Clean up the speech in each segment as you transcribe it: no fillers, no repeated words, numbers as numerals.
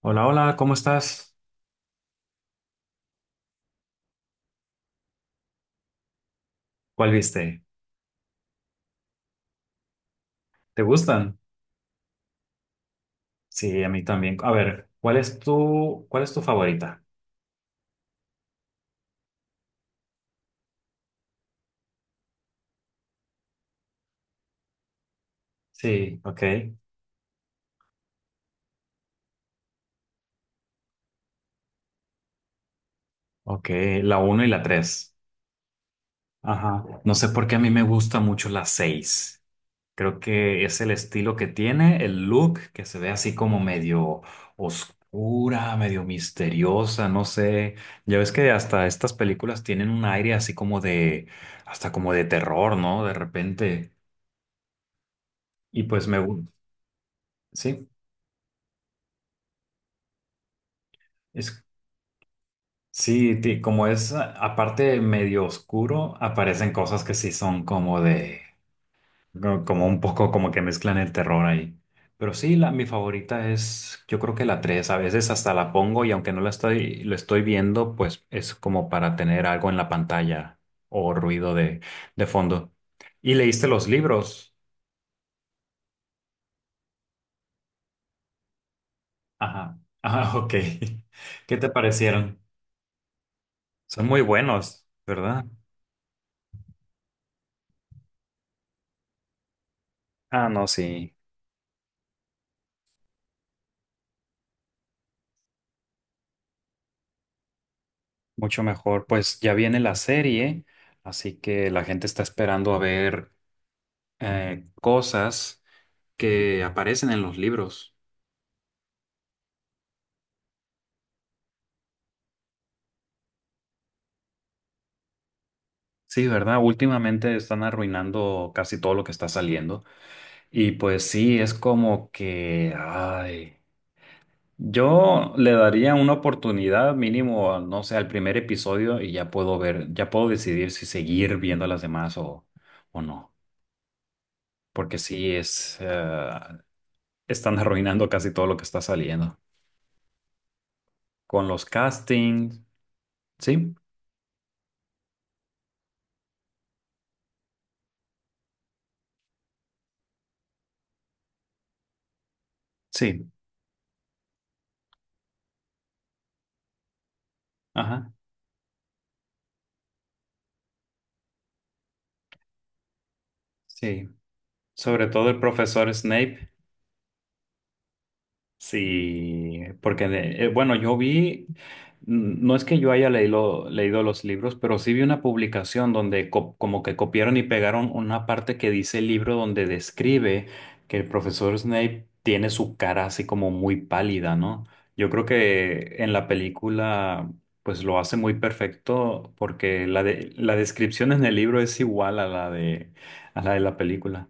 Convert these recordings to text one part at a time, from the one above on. Hola, hola, ¿cómo estás? ¿Cuál viste? ¿Te gustan? Sí, a mí también. A ver, ¿¿cuál es tu favorita? Sí, ok. Ok, la uno y la 3. Ajá. No sé por qué a mí me gusta mucho la 6. Creo que es el estilo que tiene, el look, que se ve así como medio oscura, medio misteriosa, no sé. Ya ves que hasta estas películas tienen un aire hasta como de terror, ¿no? De repente. Y pues me gusta. Sí. Es Sí, como es aparte medio oscuro, aparecen cosas que sí son como de, como un poco como que mezclan el terror ahí. Pero sí, mi favorita es, yo creo que la 3. A veces hasta la pongo y aunque no la estoy, lo estoy viendo, pues es como para tener algo en la pantalla o ruido de fondo. ¿Y leíste los libros? Ajá, ah, ok. ¿Qué te parecieron? Son muy buenos, ¿verdad? Ah, no, sí. Mucho mejor. Pues ya viene la serie, así que la gente está esperando a ver cosas que aparecen en los libros. Sí, ¿verdad? Últimamente están arruinando casi todo lo que está saliendo. Y pues sí, es como que, ay, yo le daría una oportunidad mínimo, no sé, al primer episodio y ya puedo decidir si seguir viendo las demás o no. Porque están arruinando casi todo lo que está saliendo. Con los castings, ¿sí? Sí, ajá, sí. Sobre todo el profesor Snape. Sí, porque bueno, no es que yo haya leído los libros, pero sí vi una publicación donde como que copiaron y pegaron una parte que dice el libro donde describe que el profesor Snape tiene su cara así como muy pálida, ¿no? Yo creo que en la película pues lo hace muy perfecto porque la descripción en el libro es igual a la de la película.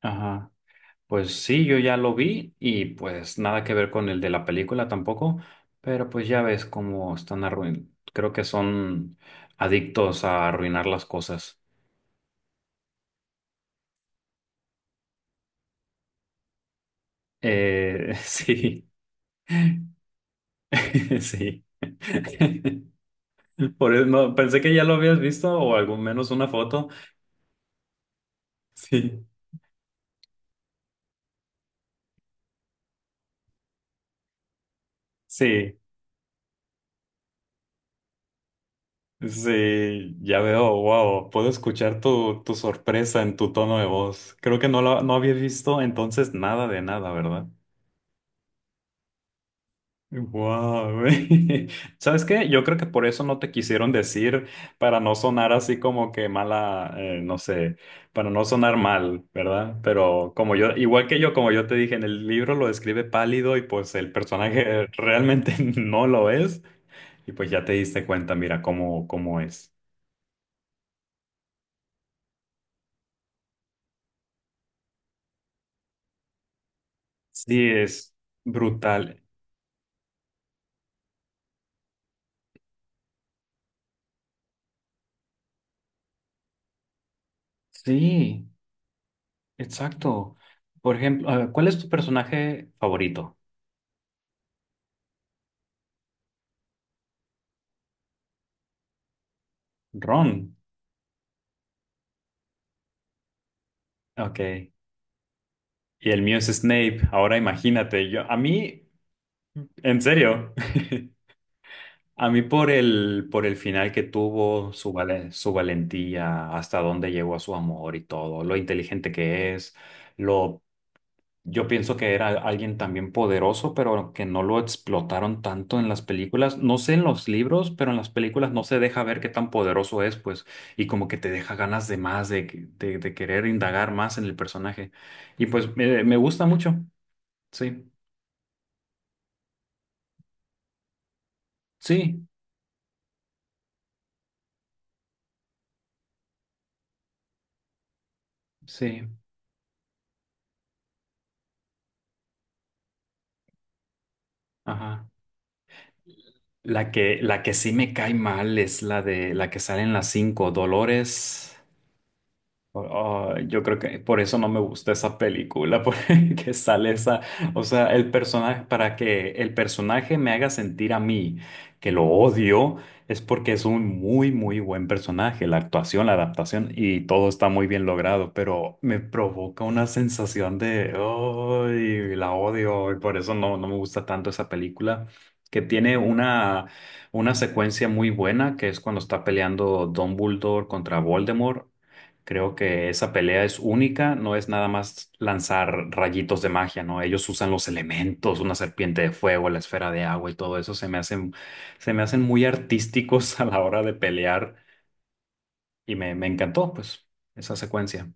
Ajá. Pues sí, yo ya lo vi y pues nada que ver con el de la película tampoco, pero pues ya ves cómo están creo que son adictos a arruinar las cosas. Sí, sí. Por eso no, pensé que ya lo habías visto o al menos una foto. Sí, sí, sí, ya veo, wow, puedo escuchar tu sorpresa en tu tono de voz. Creo que no había visto entonces nada de nada, ¿verdad? Wow, güey. ¿Sabes qué? Yo creo que por eso no te quisieron decir, para no sonar así como que mala, no sé, para no sonar mal, ¿verdad? Pero igual que yo, como yo te dije, en el libro lo describe pálido y pues el personaje realmente no lo es. Y pues ya te diste cuenta, mira cómo es. Sí, es brutal. Sí, exacto. Por ejemplo, ¿cuál es tu personaje favorito? Ron. Ok. Y el mío es Snape. Ahora imagínate, a mí, en serio, a mí por el final que tuvo, su valentía, hasta dónde llegó a su amor y todo, lo inteligente que es, lo, yo pienso que era alguien también poderoso, pero que no lo explotaron tanto en las películas. No sé en los libros, pero en las películas no se deja ver qué tan poderoso es, pues, y como que te deja ganas de más, de querer indagar más en el personaje. Y pues me gusta mucho, sí. Sí, sí, ajá. La que sí me cae mal es la de la que sale en las cinco, Dolores. Ah, yo creo que por eso no me gusta esa película, porque sale esa, o sea, el personaje, para que el personaje me haga sentir a mí que lo odio, es porque es un muy, muy buen personaje, la actuación, la adaptación y todo está muy bien logrado, pero me provoca una sensación de, ay, la odio, y por eso no me gusta tanto esa película, que tiene una secuencia muy buena, que es cuando está peleando Dumbledore contra Voldemort. Creo que esa pelea es única, no es nada más lanzar rayitos de magia, ¿no? Ellos usan los elementos, una serpiente de fuego, la esfera de agua y todo eso se me hacen muy artísticos a la hora de pelear y me encantó, pues, esa secuencia.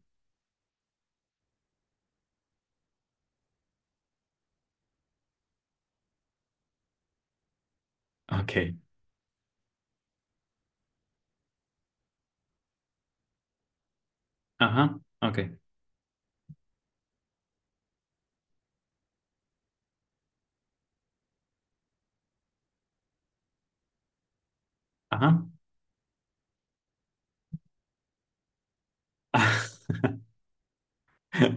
Ok, ajá, ok, ajá.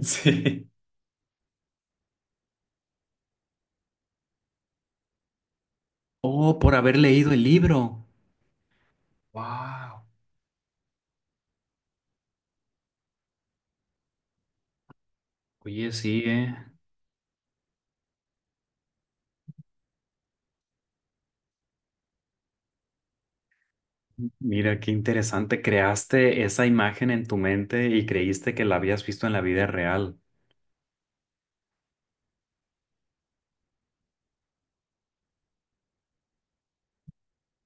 Sí. Oh, por haber leído el libro. Wow. Oye, sí. Mira, qué interesante. Creaste esa imagen en tu mente y creíste que la habías visto en la vida real.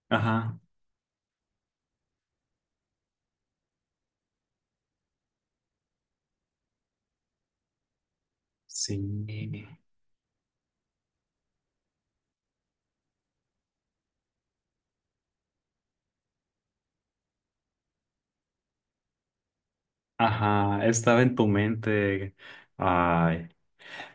Ajá, sí. Ajá, estaba en tu mente. Ay,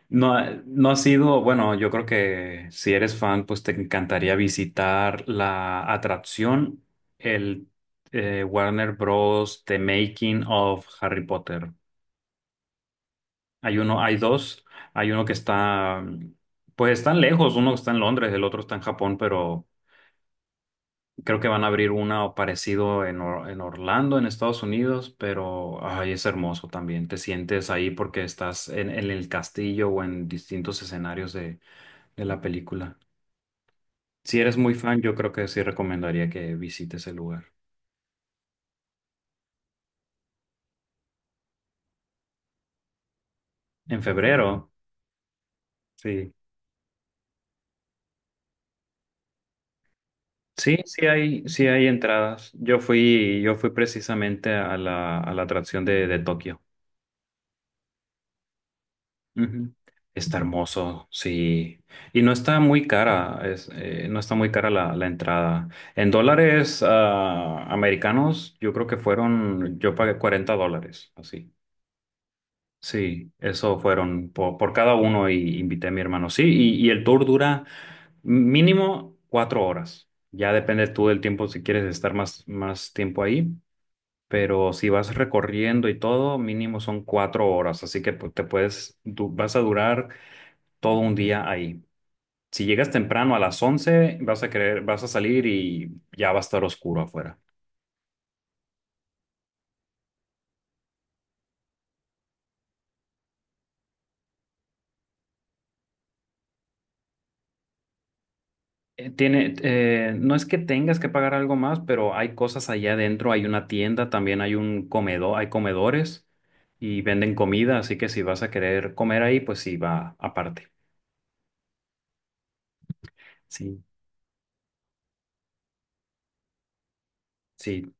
no, no ha sido, bueno, yo creo que si eres fan, pues te encantaría visitar la atracción, el Warner Bros. The Making of Harry Potter. Hay uno, hay dos. Hay uno que está, pues están lejos, uno está en Londres, el otro está en Japón, pero creo que van a abrir una o parecido en, en Orlando, en Estados Unidos, pero ay, es hermoso también. Te sientes ahí porque estás en el castillo o en distintos escenarios de la película. Si eres muy fan, yo creo que sí recomendaría que visites el lugar. En febrero, sí. Sí, sí hay entradas. Yo fui precisamente a la atracción de Tokio. Ujú. Está hermoso, sí. Y no está muy cara, no está muy cara la entrada. En dólares americanos, yo creo que fueron, yo pagué $40, así. Sí, eso fueron por, cada uno y invité a mi hermano. Sí, y el tour dura mínimo 4 horas. Ya depende tú del tiempo si quieres estar más tiempo ahí. Pero si vas recorriendo y todo, mínimo son 4 horas. Así que pues, vas a durar todo un día ahí. Si llegas temprano a las 11 vas a salir y ya va a estar oscuro afuera. No es que tengas que pagar algo más, pero hay cosas allá adentro. Hay una tienda, también hay un comedor, hay comedores y venden comida, así que si vas a querer comer ahí, pues sí, va aparte. Sí, sí,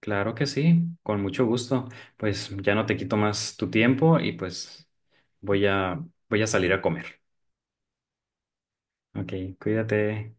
claro que sí, con mucho gusto. Pues ya no te quito más tu tiempo y pues voy a, voy a salir a comer. Ok, cuídate.